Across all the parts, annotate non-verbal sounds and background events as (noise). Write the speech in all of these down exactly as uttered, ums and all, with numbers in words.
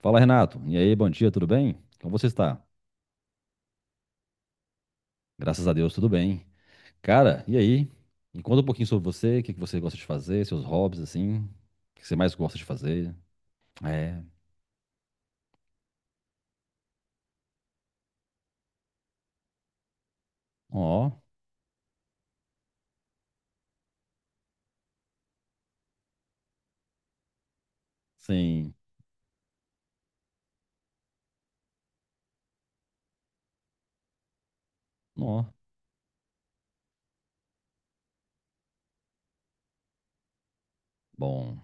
Fala, Renato. E aí, bom dia, tudo bem? Como você está? Graças a Deus, tudo bem. Cara, e aí? Me conta um pouquinho sobre você, o que que você gosta de fazer, seus hobbies, assim. O que você mais gosta de fazer? É. Ó, sim. Ó, bom.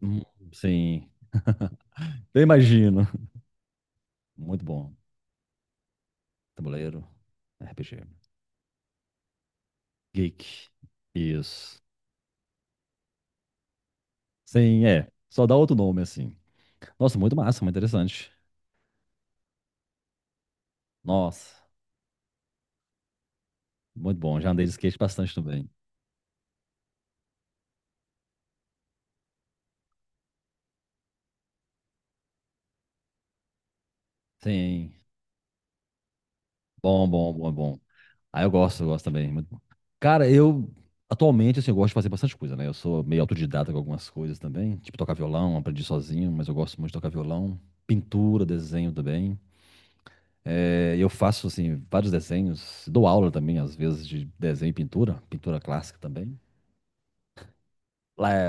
Hum. Sim. Eu imagino. Muito bom. Tabuleiro, R P G. Geek. Isso. Sim, é. Só dá outro nome, assim. Nossa, muito massa, muito interessante. Nossa, muito bom. Já andei de skate bastante também. Sim. Bom, bom, bom, bom. Ah, eu gosto, eu gosto também, muito bom. Cara, eu atualmente assim, eu gosto de fazer bastante coisa, né? Eu sou meio autodidata com algumas coisas também, tipo tocar violão, aprendi sozinho, mas eu gosto muito de tocar violão, pintura, desenho também. É, eu faço assim vários desenhos, dou aula também às vezes de desenho e pintura, pintura clássica também. Lá é,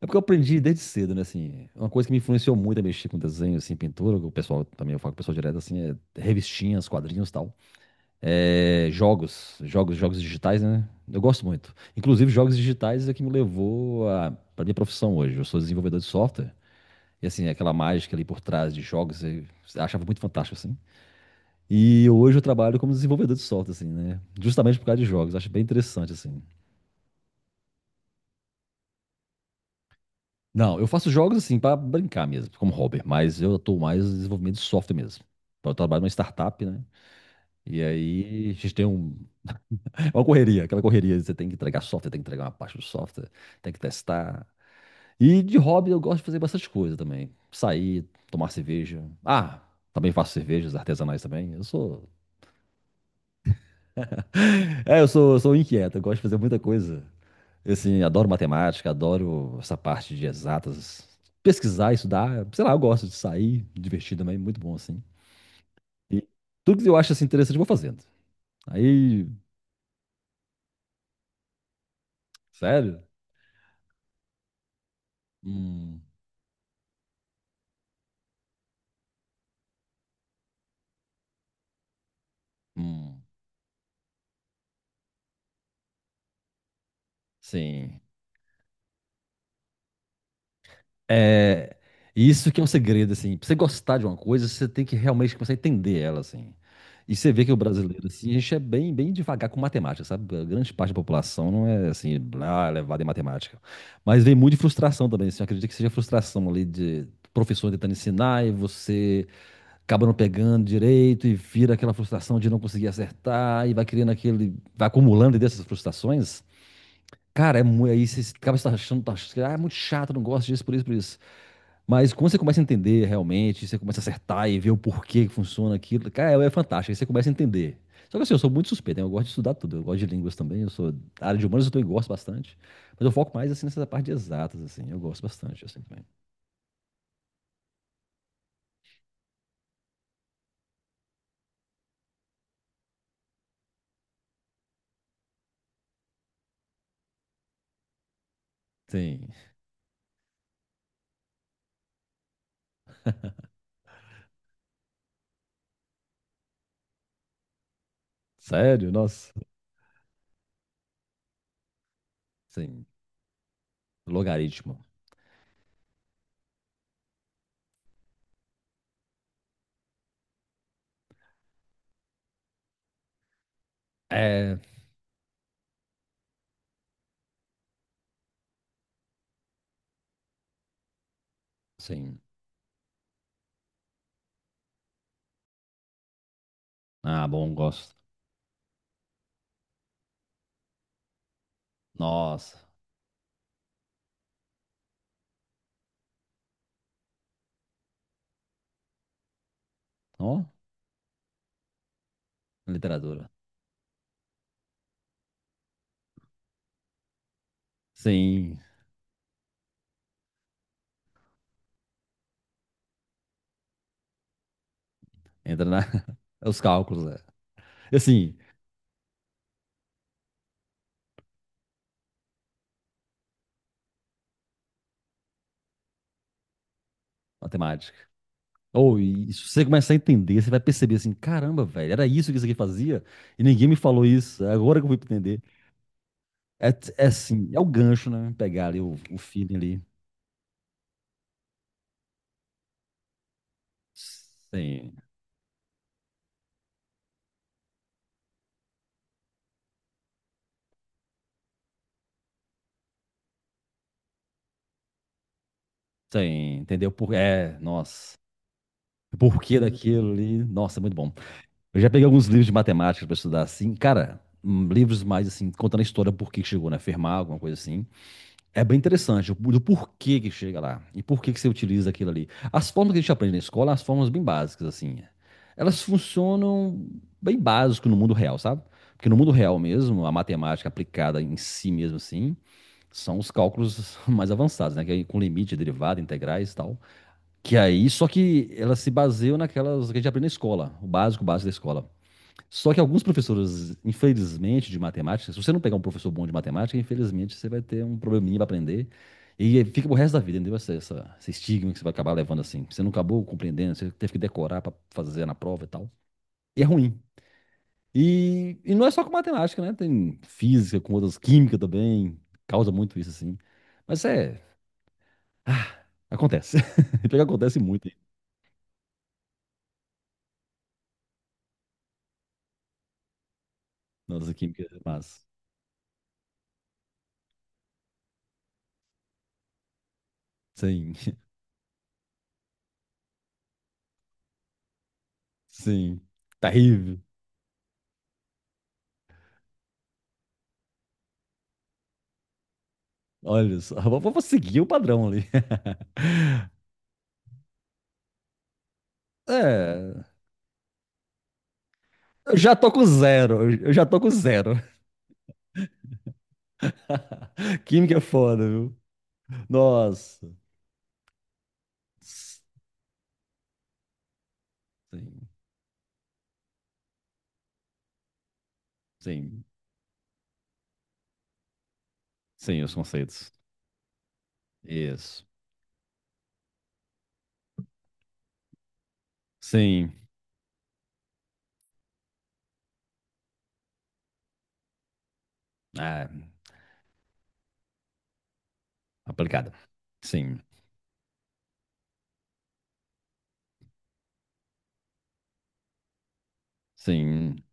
é porque eu aprendi desde cedo, né? Assim, uma coisa que me influenciou muito a mexer com desenho, assim, pintura. Que o pessoal também, eu falo com o pessoal direto assim, é revistinhas, quadrinhos, e tal. É, jogos, jogos, jogos digitais, né? Eu gosto muito. Inclusive, jogos digitais é que me levou a, para minha profissão hoje. Eu sou desenvolvedor de software e, assim, é aquela mágica ali por trás de jogos, eu achava muito fantástico assim. E hoje eu trabalho como desenvolvedor de software assim, né? Justamente por causa de jogos, acho bem interessante assim. Não, eu faço jogos assim para brincar mesmo, como hobby, mas eu atuo mais no desenvolvimento de software mesmo. Eu trabalho numa startup, né? E aí a gente tem um... É uma correria, aquela correria, você tem que entregar software, tem que entregar uma parte do software, tem que testar. E de hobby eu gosto de fazer bastante coisa também. Sair, tomar cerveja. Ah, também faço cervejas artesanais também. Eu sou. (laughs) É, eu sou, sou inquieto, eu gosto de fazer muita coisa. Assim, adoro matemática, adoro essa parte de exatas. Pesquisar, estudar, sei lá, eu gosto de sair, divertir também, muito bom assim. E tudo que eu acho assim interessante, eu vou fazendo. Aí, sério? Hum, hum, sim. É, isso que é um segredo, assim. Pra você gostar de uma coisa, você tem que realmente começar a entender ela, assim. E você vê que o brasileiro, assim, a gente é bem, bem devagar com matemática, sabe? A grande parte da população não é, assim, ah, levada em matemática. Mas vem muito de frustração também, assim. Eu acredito que seja frustração ali de professor tentando ensinar e você acaba não pegando direito e vira aquela frustração de não conseguir acertar e vai criando aquele... Vai acumulando dessas frustrações. Cara, é, mu- aí você acaba se achando, tá achando, ah, é muito chato, não gosto disso, por isso, por isso. Mas quando você começa a entender realmente, você começa a acertar e ver o porquê que funciona aquilo, cara, é fantástico, aí você começa a entender. Só que assim, eu sou muito suspeito, né? Eu gosto de estudar tudo, eu gosto de línguas também, eu sou da área de humanas, eu também gosto bastante. Mas eu foco mais assim nessa parte de exatas, assim, eu gosto bastante, assim, também. Sim. Sério? Nossa. Sim. Logaritmo. É, sim. Ah, bom, gosto. Nossa. Ó, literatura. Sim. Entra na... (laughs) Os cálculos, é. E assim, matemática. Ou e você começar a entender, você vai perceber assim, caramba, velho, era isso que isso aqui fazia e ninguém me falou isso. É agora que eu vou entender. É, é assim, é o gancho, né? Pegar ali o, o feeling ali. Sim, sim, entendeu? Por, é, nossa. O porquê daquilo ali. Nossa, é muito bom. Eu já peguei alguns livros de matemática para estudar assim, cara, hum, livros mais assim contando a história por que que chegou, né? Fermat, alguma coisa assim. É bem interessante o- do porquê que chega lá e por que que você utiliza aquilo ali. As formas que a gente aprende na escola, as formas bem básicas, assim, é. Elas funcionam bem básico no mundo real, sabe? Porque no mundo real mesmo, a matemática aplicada em si mesmo, assim, são os cálculos (laughs) mais avançados, né? Que aí com limite, derivada, integrais e tal. Que aí, só que elas se baseiam naquelas que a gente aprende na escola, o básico, básico da escola. Só que alguns professores, infelizmente, de matemática, se você não pegar um professor bom de matemática, infelizmente você vai ter um probleminha para aprender. E fica pro resto da vida, entendeu? Essa, essa- esse estigma que você vai acabar levando assim. Você não acabou compreendendo, você teve que decorar para fazer na prova e tal. E é ruim. E, e não é só com matemática, né? Tem física, com outras química também. Causa muito isso, assim. Mas é. Ah, acontece. (laughs) Pior que acontece muito, hein? Nossa, química, mas. Sim, (laughs) sim. Terrível. Olha só. Vou vou seguir o padrão ali. É. Eu já tô com zero. Eu já tô com zero. (laughs) Química é foda, viu? Nossa. Sim, sim. Sim, os conceitos. Isso. Sim. Ah, aplicada. Sim, sim.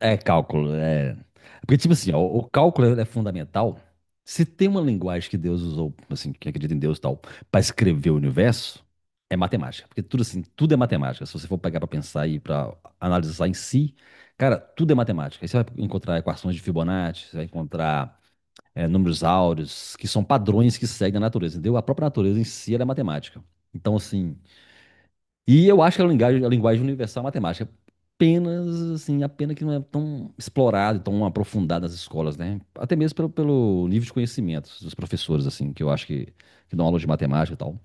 É cálculo, é. Porque, tipo assim, ó, o cálculo é é fundamental. Se tem uma linguagem que Deus usou, assim, que acredita em Deus e tal, para escrever o universo, é matemática. Porque tudo assim, tudo é matemática. Se você for pegar para pensar e para analisar em si, cara, tudo é matemática. Aí você vai encontrar equações de Fibonacci, você vai encontrar é, números áureos, que são padrões que seguem a natureza, entendeu? A própria natureza em si, ela é matemática. Então, assim, e eu acho que a linguagem, a linguagem universal é matemática. Apenas, assim, a pena que não é tão explorada, tão aprofundada nas escolas, né? Até mesmo pelo, pelo nível de conhecimento dos professores, assim, que eu acho que, que dão aula de matemática e tal.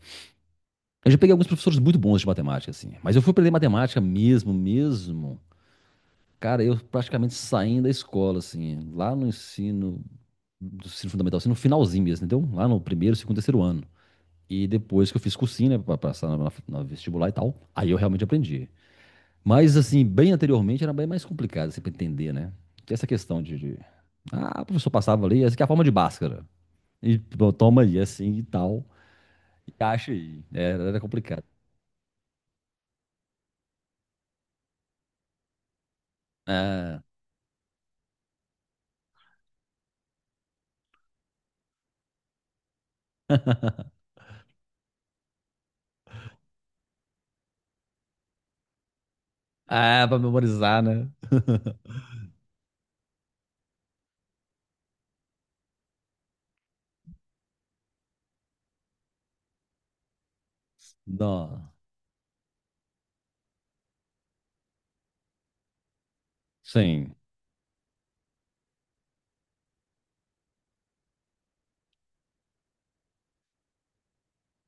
Eu já peguei alguns professores muito bons de matemática, assim. Mas eu fui aprender matemática mesmo, mesmo. Cara, eu praticamente saindo da escola, assim, lá no ensino, do ensino fundamental, assim, no finalzinho mesmo, entendeu? Lá no primeiro, segundo, terceiro ano. E depois que eu fiz cursinho, né, pra passar na na vestibular e tal, aí eu realmente aprendi. Mas, assim, bem anteriormente era bem mais complicado, assim, para entender, né? Que essa questão de, de- Ah, o professor passava ali, essa aqui é a forma de Bhaskara. E pô, toma aí, assim, e tal. E acha aí. Era, era complicado. Ah. Ah, pra memorizar, né? Não. Sim,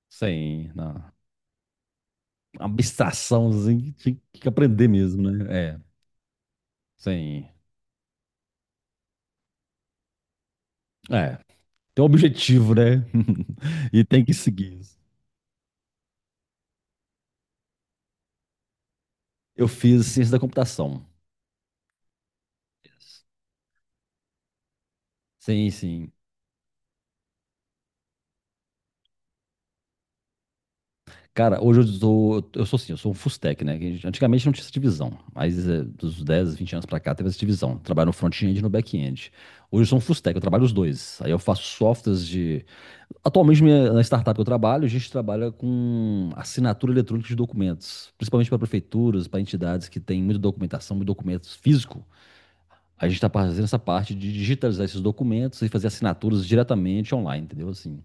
sim. Não. Uma abstração, assim, que tinha que aprender mesmo, né? É, sim. É, tem um objetivo, né? (laughs) E tem que seguir. Isso. Eu fiz ciência da computação. Sim, sim. Cara, hoje eu sou, eu sou assim, eu sou um full stack, né? Que antigamente não tinha essa divisão, mas eh, dos dez, vinte anos pra cá teve essa divisão. Trabalho no front-end e no back-end. Hoje eu sou um full stack, eu trabalho os dois. Aí eu faço softwares de... Atualmente minha- na startup que eu trabalho, a gente trabalha com assinatura eletrônica de documentos, principalmente para prefeituras, para entidades que têm muita documentação, muito documento físico. A gente tá fazendo essa parte de digitalizar esses documentos e fazer assinaturas diretamente online, entendeu? Assim,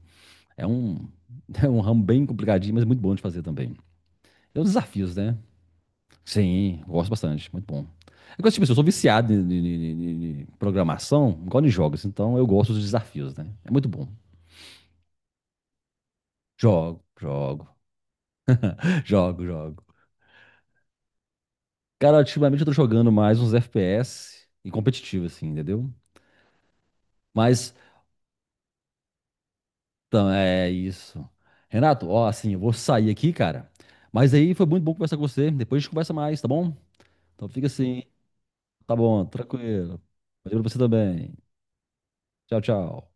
é um, (laughs) é um ramo bem complicadinho, mas muito bom de fazer também. Tem os desafios, né? Sim, gosto bastante, muito bom. É coisa, tipo, assim, eu sou viciado em, em- em- em programação, igual em jogos, então eu gosto dos desafios, né? É muito bom. Jogo, jogo, (laughs) jogo, jogo. Cara, ultimamente eu tô jogando mais uns F P S e competitivo, assim, entendeu? Mas, então, é isso. Renato, ó, assim, eu vou sair aqui, cara. Mas aí foi muito bom conversar com você. Depois a gente conversa mais, tá bom? Então fica assim, tá bom, tranquilo. Valeu pra você também. Tchau, tchau.